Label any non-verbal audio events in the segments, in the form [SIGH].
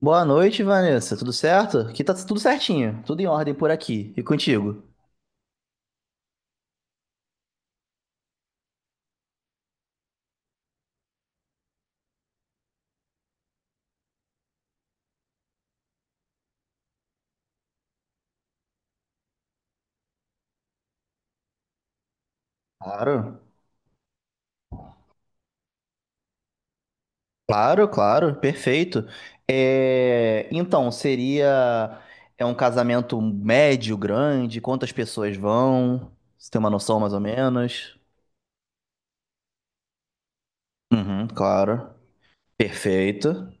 Boa noite, Vanessa. Tudo certo? Aqui tá tudo certinho, tudo em ordem por aqui. E contigo? Claro, claro, claro, perfeito. Então, seria é um casamento médio, grande? Quantas pessoas vão? Você tem uma noção mais ou menos? Uhum, claro. Perfeito.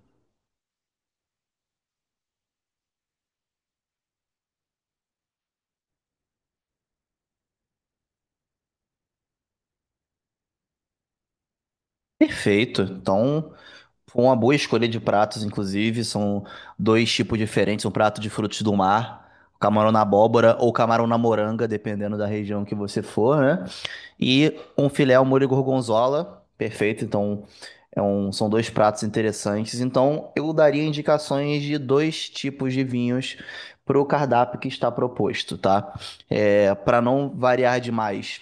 Perfeito. Então, foi uma boa escolha de pratos, inclusive. São dois tipos diferentes: um prato de frutos do mar, camarão na abóbora ou camarão na moranga, dependendo da região que você for, né? E um filé ao molho gorgonzola, perfeito. Então, são dois pratos interessantes. Então, eu daria indicações de dois tipos de vinhos para o cardápio que está proposto, tá? Para não variar demais.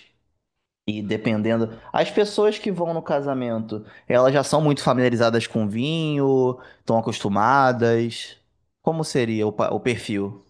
E dependendo. As pessoas que vão no casamento, elas já são muito familiarizadas com vinho, estão acostumadas. Como seria o perfil?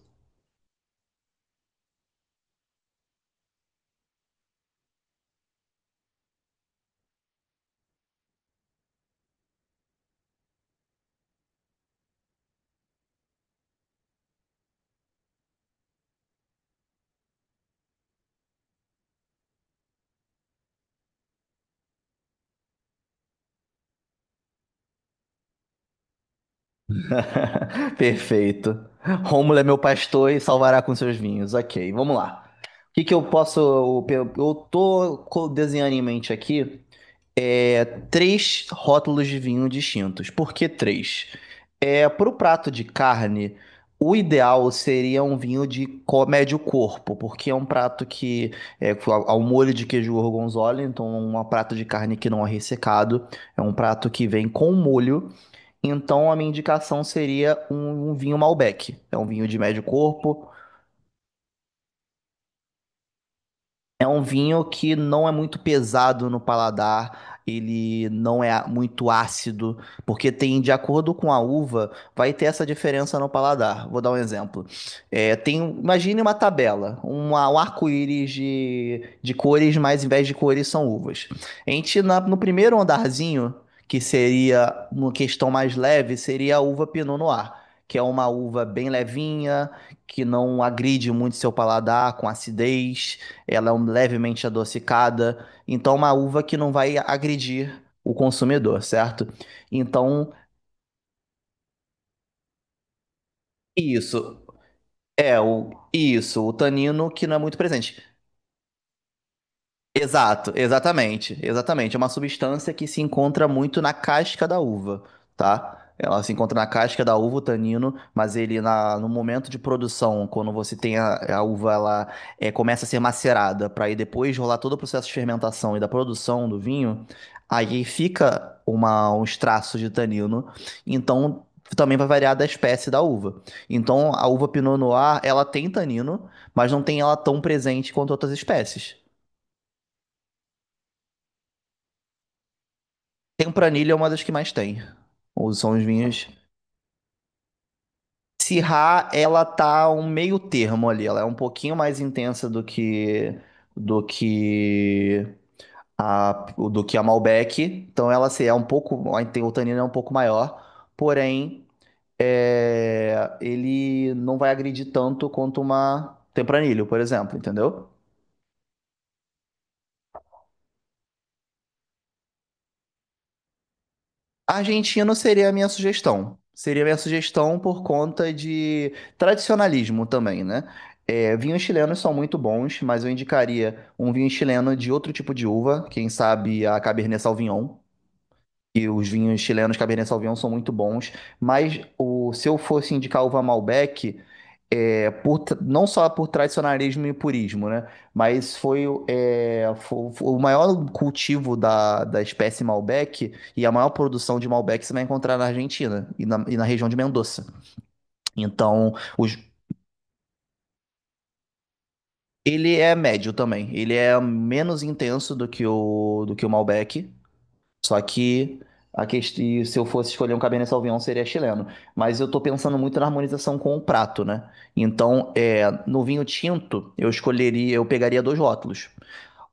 [LAUGHS] Perfeito. Rômulo é meu pastor e salvará com seus vinhos. Ok, vamos lá. O que que eu posso. Eu tô desenhando em mente aqui, três rótulos de vinho distintos. Por que três? É, para o prato de carne, o ideal seria um vinho de médio corpo, porque é um prato que é ao molho de queijo gorgonzola, então é um prato de carne que não é ressecado, é um prato que vem com molho, então a minha indicação seria um vinho Malbec. É um vinho de médio corpo. É um vinho que não é muito pesado no paladar, ele não é muito ácido, porque tem, de acordo com a uva, vai ter essa diferença no paladar. Vou dar um exemplo. Imagine uma tabela, um arco-íris de cores, mas em vez de cores são uvas. A gente, no primeiro andarzinho, que seria uma questão mais leve, seria a uva Pinot Noir, que é uma uva bem levinha, que não agride muito seu paladar com acidez. Ela é levemente adocicada, então é uma uva que não vai agredir o consumidor, certo? Então, isso. O tanino que não é muito presente. Exato, exatamente. É uma substância que se encontra muito na casca da uva, tá? Ela se encontra na casca da uva, o tanino, mas no momento de produção, quando você tem a uva, ela começa a ser macerada, para aí depois rolar todo o processo de fermentação e da produção do vinho, aí fica uns traços de tanino, então também vai variar da espécie da uva. Então a uva Pinot Noir, ela tem tanino, mas não tem ela tão presente quanto outras espécies. Tempranilha é uma das que mais tem. Ou são os vinhos. Syrah, ela tá um meio termo ali. Ela é um pouquinho mais intensa do que do que a Malbec. Então ela assim, é um pouco, o tanino é um pouco maior, porém, ele não vai agredir tanto quanto uma Tempranillo, por exemplo, entendeu? Argentina seria a minha sugestão. Seria a minha sugestão por conta de tradicionalismo também, né? É, vinhos chilenos são muito bons, mas eu indicaria um vinho chileno de outro tipo de uva, quem sabe a Cabernet Sauvignon. E os vinhos chilenos Cabernet Sauvignon são muito bons, mas se eu fosse indicar uva Malbec, por não só por tradicionalismo e purismo, né? Mas foi, o maior cultivo da espécie Malbec e a maior produção de Malbec você vai encontrar na Argentina e na região de Mendoza. Então, ele é médio também. Ele é menos intenso do que o Malbec. Só que a questão, se eu fosse escolher um Cabernet Sauvignon, seria chileno. Mas eu tô pensando muito na harmonização com o prato, né? Então, é, no vinho tinto, eu pegaria dois rótulos.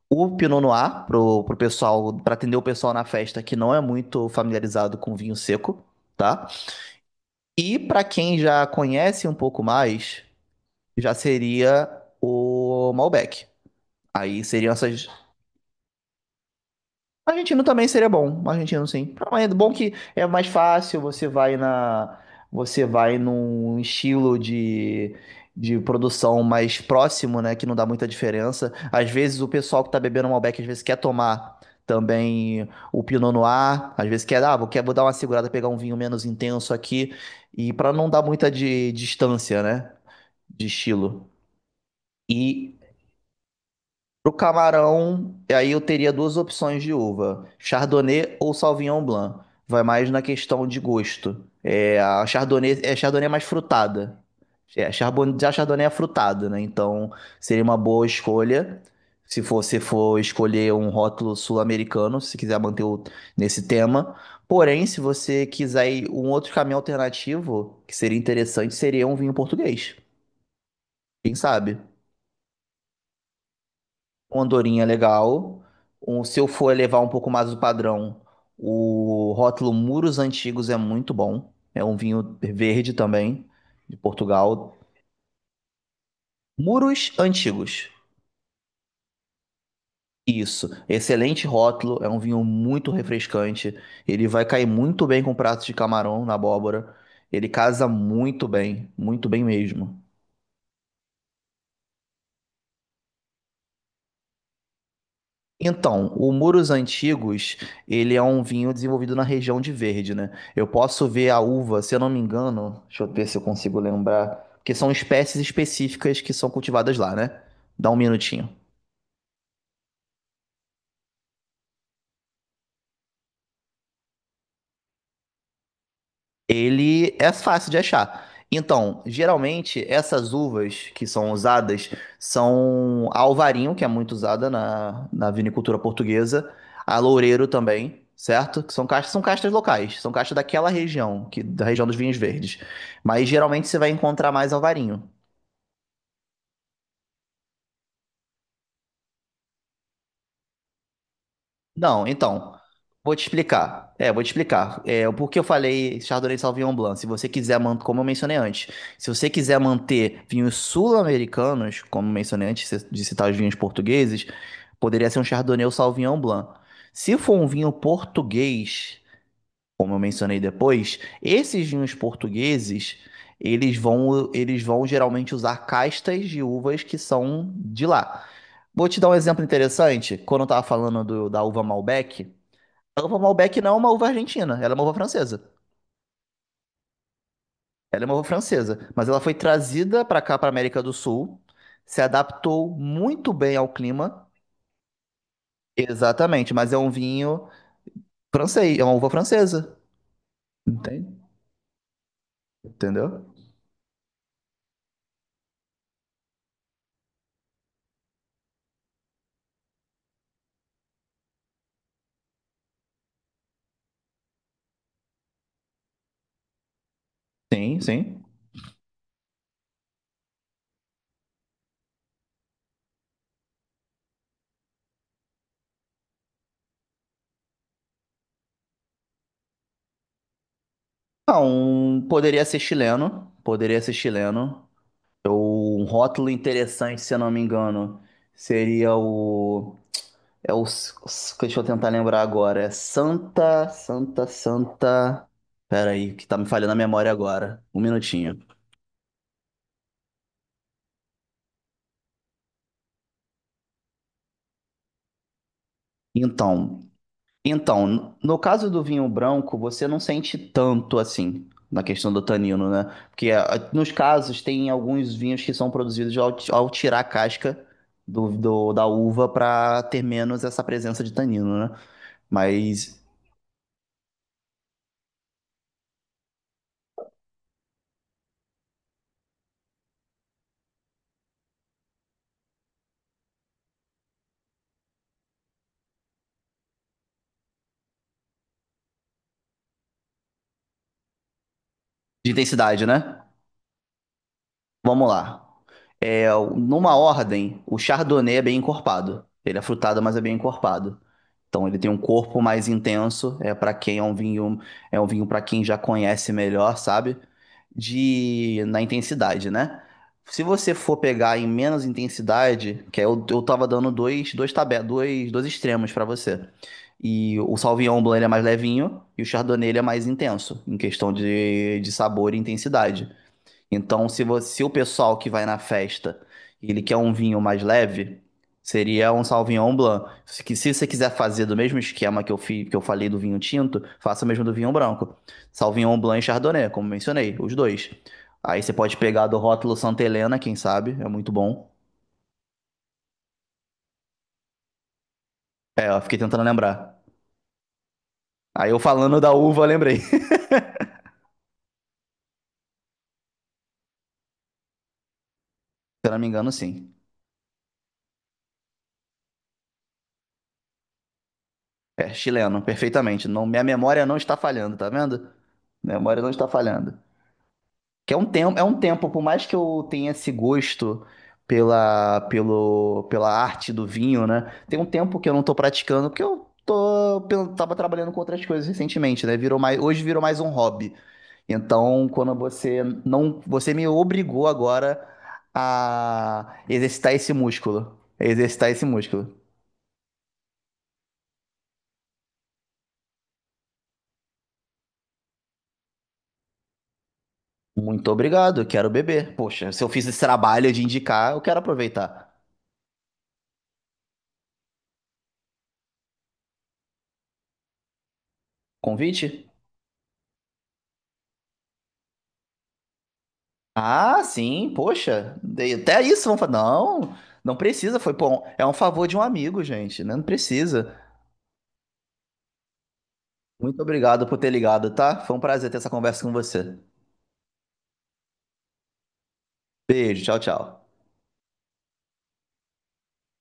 O Pinot Noir, pro pessoal, para atender o pessoal na festa que não é muito familiarizado com vinho seco, tá? E para quem já conhece um pouco mais, já seria o Malbec. Aí seriam essas, Argentino também seria bom, argentino sim. Ah, é bom que é mais fácil, você vai num estilo de produção mais próximo, né, que não dá muita diferença. Às vezes o pessoal que tá bebendo Malbec, às vezes quer tomar também o Pinot Noir, às vezes quer, ah, vou dar uma segurada, pegar um vinho menos intenso aqui, e para não dar muita distância, né, de estilo. E Pro camarão, e aí eu teria duas opções de uva: Chardonnay ou Sauvignon Blanc. Vai mais na questão de gosto. A Chardonnay é mais frutada. Já a Chardonnay é frutada, né? Então seria uma boa escolha. Se você for escolher um rótulo sul-americano, se quiser manter nesse tema. Porém, se você quiser ir um outro caminho alternativo, que seria interessante, seria um vinho português. Quem sabe? Uma andorinha legal. Se eu for elevar um pouco mais o padrão, o rótulo Muros Antigos é muito bom. É um vinho verde também, de Portugal. Muros Antigos. Isso, excelente rótulo, é um vinho muito refrescante. Ele vai cair muito bem com pratos de camarão na abóbora. Ele casa muito bem mesmo. Então, o Muros Antigos, ele é um vinho desenvolvido na região de Verde, né? Eu posso ver a uva, se eu não me engano, deixa eu ver se eu consigo lembrar, porque são espécies específicas que são cultivadas lá, né? Dá um minutinho. Ele é fácil de achar. Então, geralmente, essas uvas que são usadas são a Alvarinho, que é muito usada na vinicultura portuguesa, a Loureiro também, certo? Que são castas locais, são castas daquela região, da região dos vinhos verdes. Mas geralmente você vai encontrar mais Alvarinho. Não, então, vou te explicar. É, o porquê eu falei Chardonnay Sauvignon Blanc. Se você quiser manter, como eu mencionei antes, se você quiser manter vinhos sul-americanos, como eu mencionei antes de citar os vinhos portugueses, poderia ser um Chardonnay ou Sauvignon Blanc. Se for um vinho português, como eu mencionei depois, esses vinhos portugueses, eles vão geralmente usar castas de uvas que são de lá. Vou te dar um exemplo interessante. Quando eu estava falando da uva Malbec, a uva Malbec não é uma uva argentina, ela é uma uva francesa. Ela é uma uva francesa, mas ela foi trazida para cá, para América do Sul, se adaptou muito bem ao clima. Exatamente, mas é um vinho francês, é uma uva francesa. Entende? Entendeu? Sim, sim. Não, poderia ser chileno. Um rótulo interessante, se eu não me engano, seria o, deixa eu tentar lembrar agora, é Santa. Pera aí, que tá me falhando a memória agora. Um minutinho. Então, Então, no caso do vinho branco, você não sente tanto assim na questão do tanino, né? Porque nos casos tem alguns vinhos que são produzidos ao tirar a casca da uva para ter menos essa presença de tanino, né? Mas de intensidade, né? Vamos lá. É, numa ordem, o Chardonnay é bem encorpado. Ele é frutado, mas é bem encorpado. Então ele tem um corpo mais intenso, é para quem é um vinho para quem já conhece melhor, sabe? De na intensidade, né? Se você for pegar em menos intensidade, que é eu, eu tava dando dois extremos para você. E o Sauvignon Blanc ele é mais levinho e o Chardonnay ele é mais intenso em questão de sabor e intensidade. Então, se o pessoal que vai na festa, ele quer um vinho mais leve, seria um Sauvignon Blanc. Se você quiser fazer do mesmo esquema que eu fiz, que eu falei do vinho tinto, faça o mesmo do vinho branco. Sauvignon Blanc e Chardonnay, como mencionei, os dois. Aí você pode pegar do rótulo Santa Helena, quem sabe, é muito bom. É, eu fiquei tentando lembrar. Aí eu falando da uva, eu lembrei. [LAUGHS] Se eu não me engano, sim. É chileno, perfeitamente. Não, minha memória não está falhando, tá vendo? Memória não está falhando. Que é um tempo, por mais que eu tenha esse gosto pela arte do vinho, né? Tem um tempo que eu não tô praticando, porque eu tô, tava trabalhando com outras coisas recentemente, né? Virou mais, hoje virou mais um hobby. Então, quando você não, você me obrigou agora a exercitar esse músculo, exercitar esse músculo. Muito obrigado, eu quero beber. Poxa, se eu fiz esse trabalho de indicar, eu quero aproveitar. Convite? Ah, sim, poxa, até isso vão falar. Não, não precisa, foi bom. É um favor de um amigo, gente, né? Não precisa. Muito obrigado por ter ligado, tá? Foi um prazer ter essa conversa com você. Beijo, tchau, tchau.